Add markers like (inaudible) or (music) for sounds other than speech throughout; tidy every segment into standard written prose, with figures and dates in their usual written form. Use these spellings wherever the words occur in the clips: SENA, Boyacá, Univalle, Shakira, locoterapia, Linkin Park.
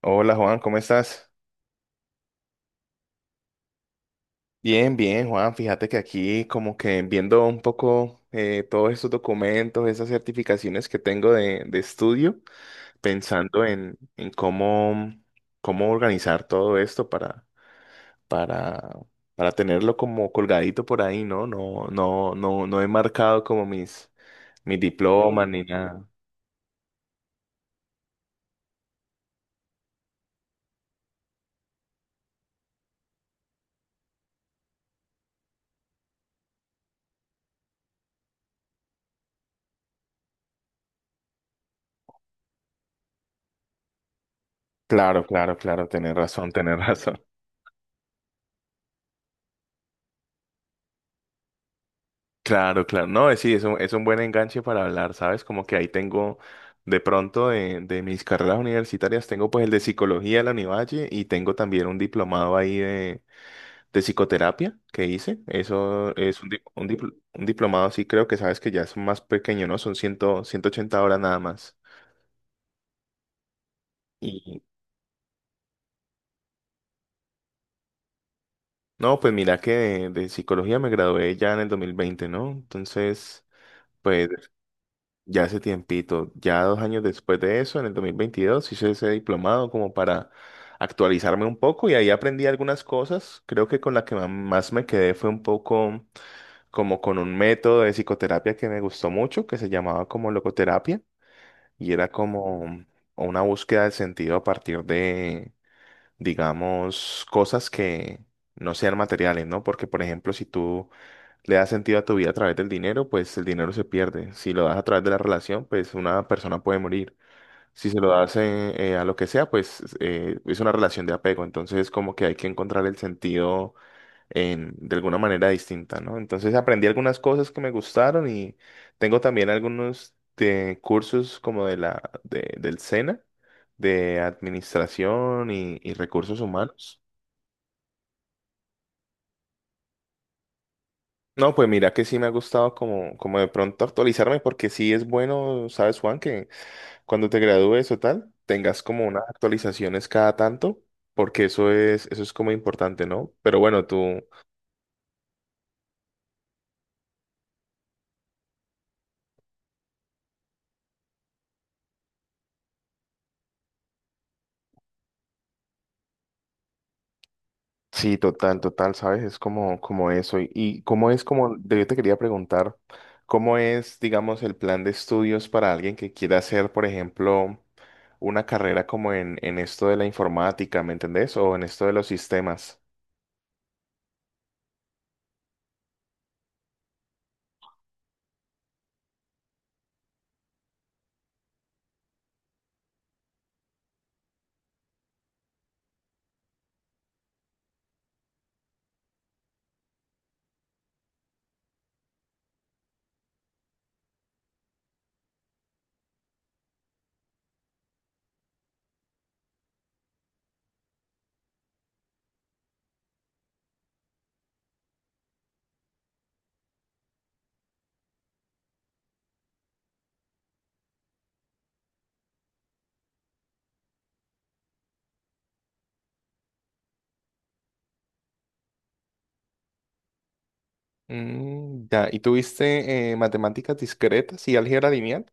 Hola Juan, ¿cómo estás? Bien, bien Juan, fíjate que aquí como que viendo un poco todos estos documentos, esas certificaciones que tengo de estudio, pensando en cómo, cómo organizar todo esto para, para tenerlo como colgadito por ahí, ¿no? No, no, no, no he marcado como mis diplomas. Sí, ni nada. Claro, claro, claro, tener razón, tener (laughs) razón. Claro, claro. No, sí, es un buen enganche para hablar, ¿sabes? Como que ahí tengo, de pronto, de mis carreras universitarias, tengo pues el de psicología de la Univalle y tengo también un diplomado ahí de psicoterapia que hice. Eso es un diplomado, sí, creo que sabes que ya es más pequeño, ¿no? Son 180 horas nada más. Y no, pues mira que de psicología me gradué ya en el 2020, ¿no? Entonces, pues ya hace tiempito, ya 2 años después de eso, en el 2022 hice ese diplomado como para actualizarme un poco y ahí aprendí algunas cosas. Creo que con la que más me quedé fue un poco como con un método de psicoterapia que me gustó mucho, que se llamaba como locoterapia y era como una búsqueda del sentido a partir de, digamos, cosas que no sean materiales, ¿no? Porque, por ejemplo, si tú le das sentido a tu vida a través del dinero, pues el dinero se pierde. Si lo das a través de la relación, pues una persona puede morir. Si se lo das a lo que sea, pues es una relación de apego. Entonces, como que hay que encontrar el sentido en, de alguna manera distinta, ¿no? Entonces, aprendí algunas cosas que me gustaron y tengo también algunos de cursos como de del SENA, de administración y recursos humanos. No, pues mira que sí me ha gustado como, como de pronto actualizarme, porque sí es bueno, sabes, Juan, que cuando te gradúes o tal, tengas como unas actualizaciones cada tanto, porque eso es como importante, ¿no? Pero bueno, tú, sí, total, total, sabes, es como, como eso. Y cómo es como, yo te quería preguntar, ¿cómo es, digamos, el plan de estudios para alguien que quiera hacer, por ejemplo, una carrera como en esto de la informática, ¿me entendés? O en esto de los sistemas. Mm, ya, ¿y tuviste matemáticas discretas y álgebra lineal?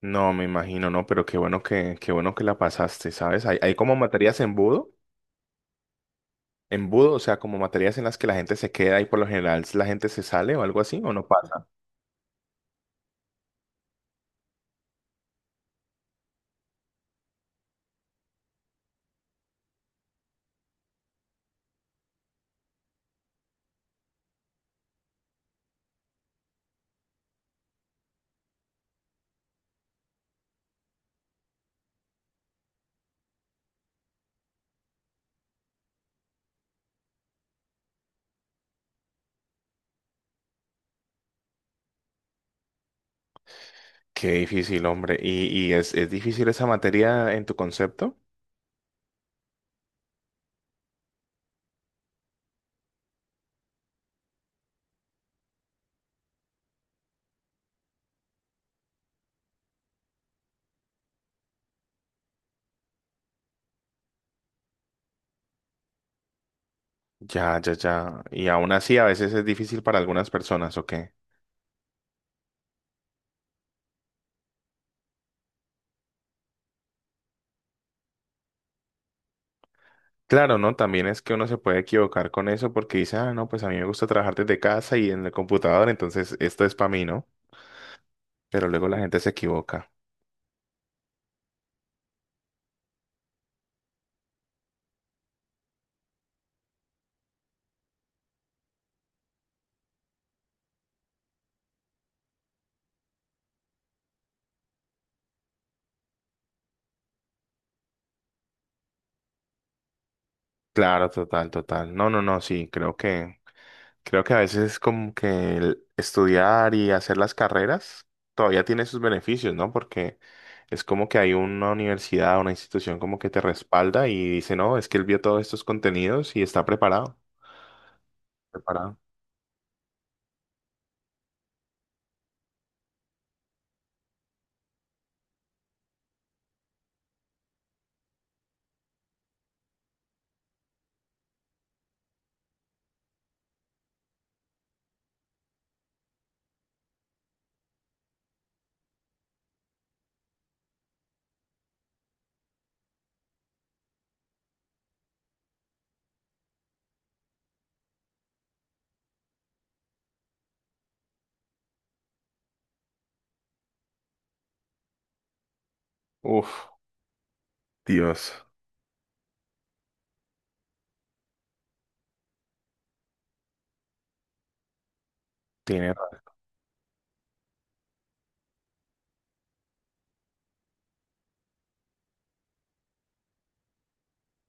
No, me imagino, no, pero qué bueno que la pasaste, ¿sabes? Hay como materias embudo, embudo, o sea, como materias en las que la gente se queda y por lo general la gente se sale o algo así, o no pasa. Qué difícil, hombre. ¿Y es difícil esa materia en tu concepto? Ya, ya, ya. Y aún así a veces es difícil para algunas personas, ¿ok? Claro, ¿no? También es que uno se puede equivocar con eso porque dice, ah, no, pues a mí me gusta trabajar desde casa y en el computador, entonces esto es para mí, ¿no? Pero luego la gente se equivoca. Claro, total, total. No, no, no, sí, creo que a veces es como que el estudiar y hacer las carreras todavía tiene sus beneficios, ¿no? Porque es como que hay una universidad, una institución como que te respalda y dice, no, es que él vio todos estos contenidos y está preparado. Preparado. Uf, Dios.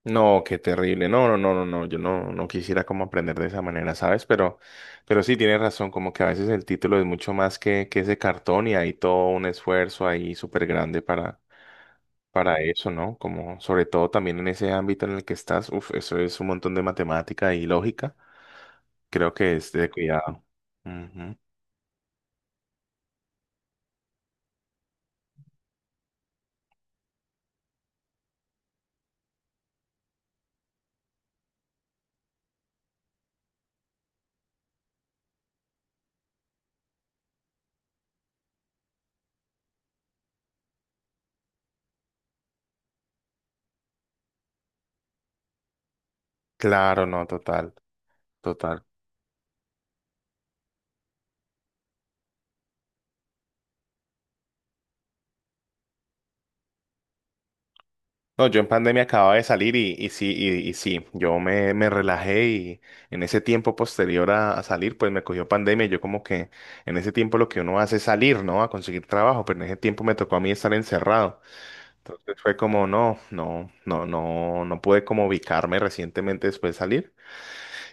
No, qué terrible. No, no, no, no, no. Yo no, no quisiera como aprender de esa manera, ¿sabes? Pero sí tienes razón, como que a veces el título es mucho más que ese cartón y hay todo un esfuerzo ahí súper grande para eso, ¿no? Como sobre todo también en ese ámbito en el que estás, uf, eso es un montón de matemática y lógica. Creo que es de cuidado. Ujú. Claro, no, total, total. No, yo en pandemia acababa de salir y sí, y sí, me relajé y en ese tiempo posterior a salir, pues me cogió pandemia y yo como que en ese tiempo lo que uno hace es salir, ¿no? A conseguir trabajo, pero en ese tiempo me tocó a mí estar encerrado. Entonces fue como, no, no, no, no, no pude como ubicarme recientemente después de salir.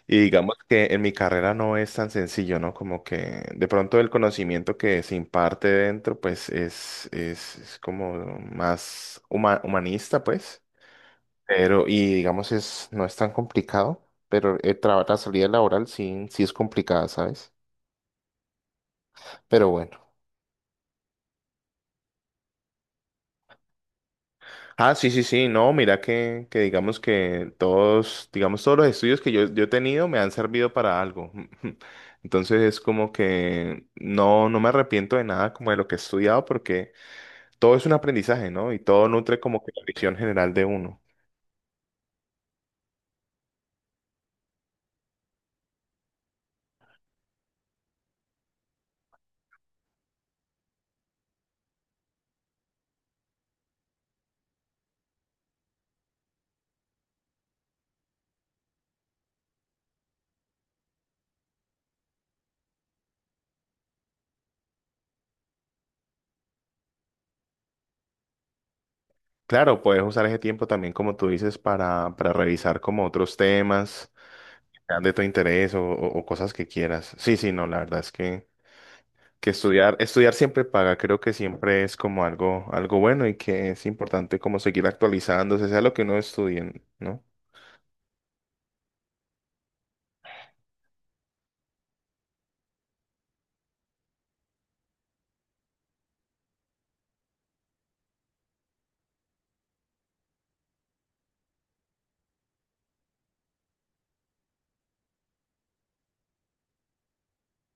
Y digamos que en mi carrera no es tan sencillo, ¿no? Como que de pronto el conocimiento que se imparte dentro, pues es como más humanista, pues. Pero, y digamos, es, no es tan complicado, pero el la salida laboral sí, sí es complicada, ¿sabes? Pero bueno. Ah, sí, sí, sí, no, mira que digamos que todos, digamos, todos los estudios que yo he tenido me han servido para algo. (laughs) Entonces es como que no, no me arrepiento de nada como de lo que he estudiado porque todo es un aprendizaje, ¿no? Y todo nutre como que la visión general de uno. Claro, puedes usar ese tiempo también, como tú dices, para revisar como otros temas sean de tu interés o cosas que quieras. Sí, sí, no, la verdad es que estudiar, estudiar siempre paga, creo que siempre es como algo, algo bueno y que es importante como seguir actualizándose, sea lo que uno estudie, ¿no?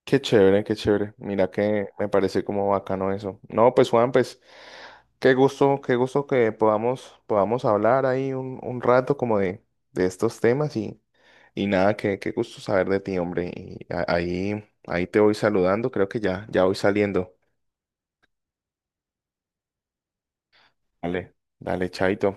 Qué chévere, qué chévere. Mira que me parece como bacano eso. No, pues Juan, pues qué gusto que podamos, podamos hablar ahí un rato como de estos temas y nada, qué, qué gusto saber de ti, hombre. Y ahí, ahí te voy saludando, creo que ya, ya voy saliendo. Dale, dale, chaito.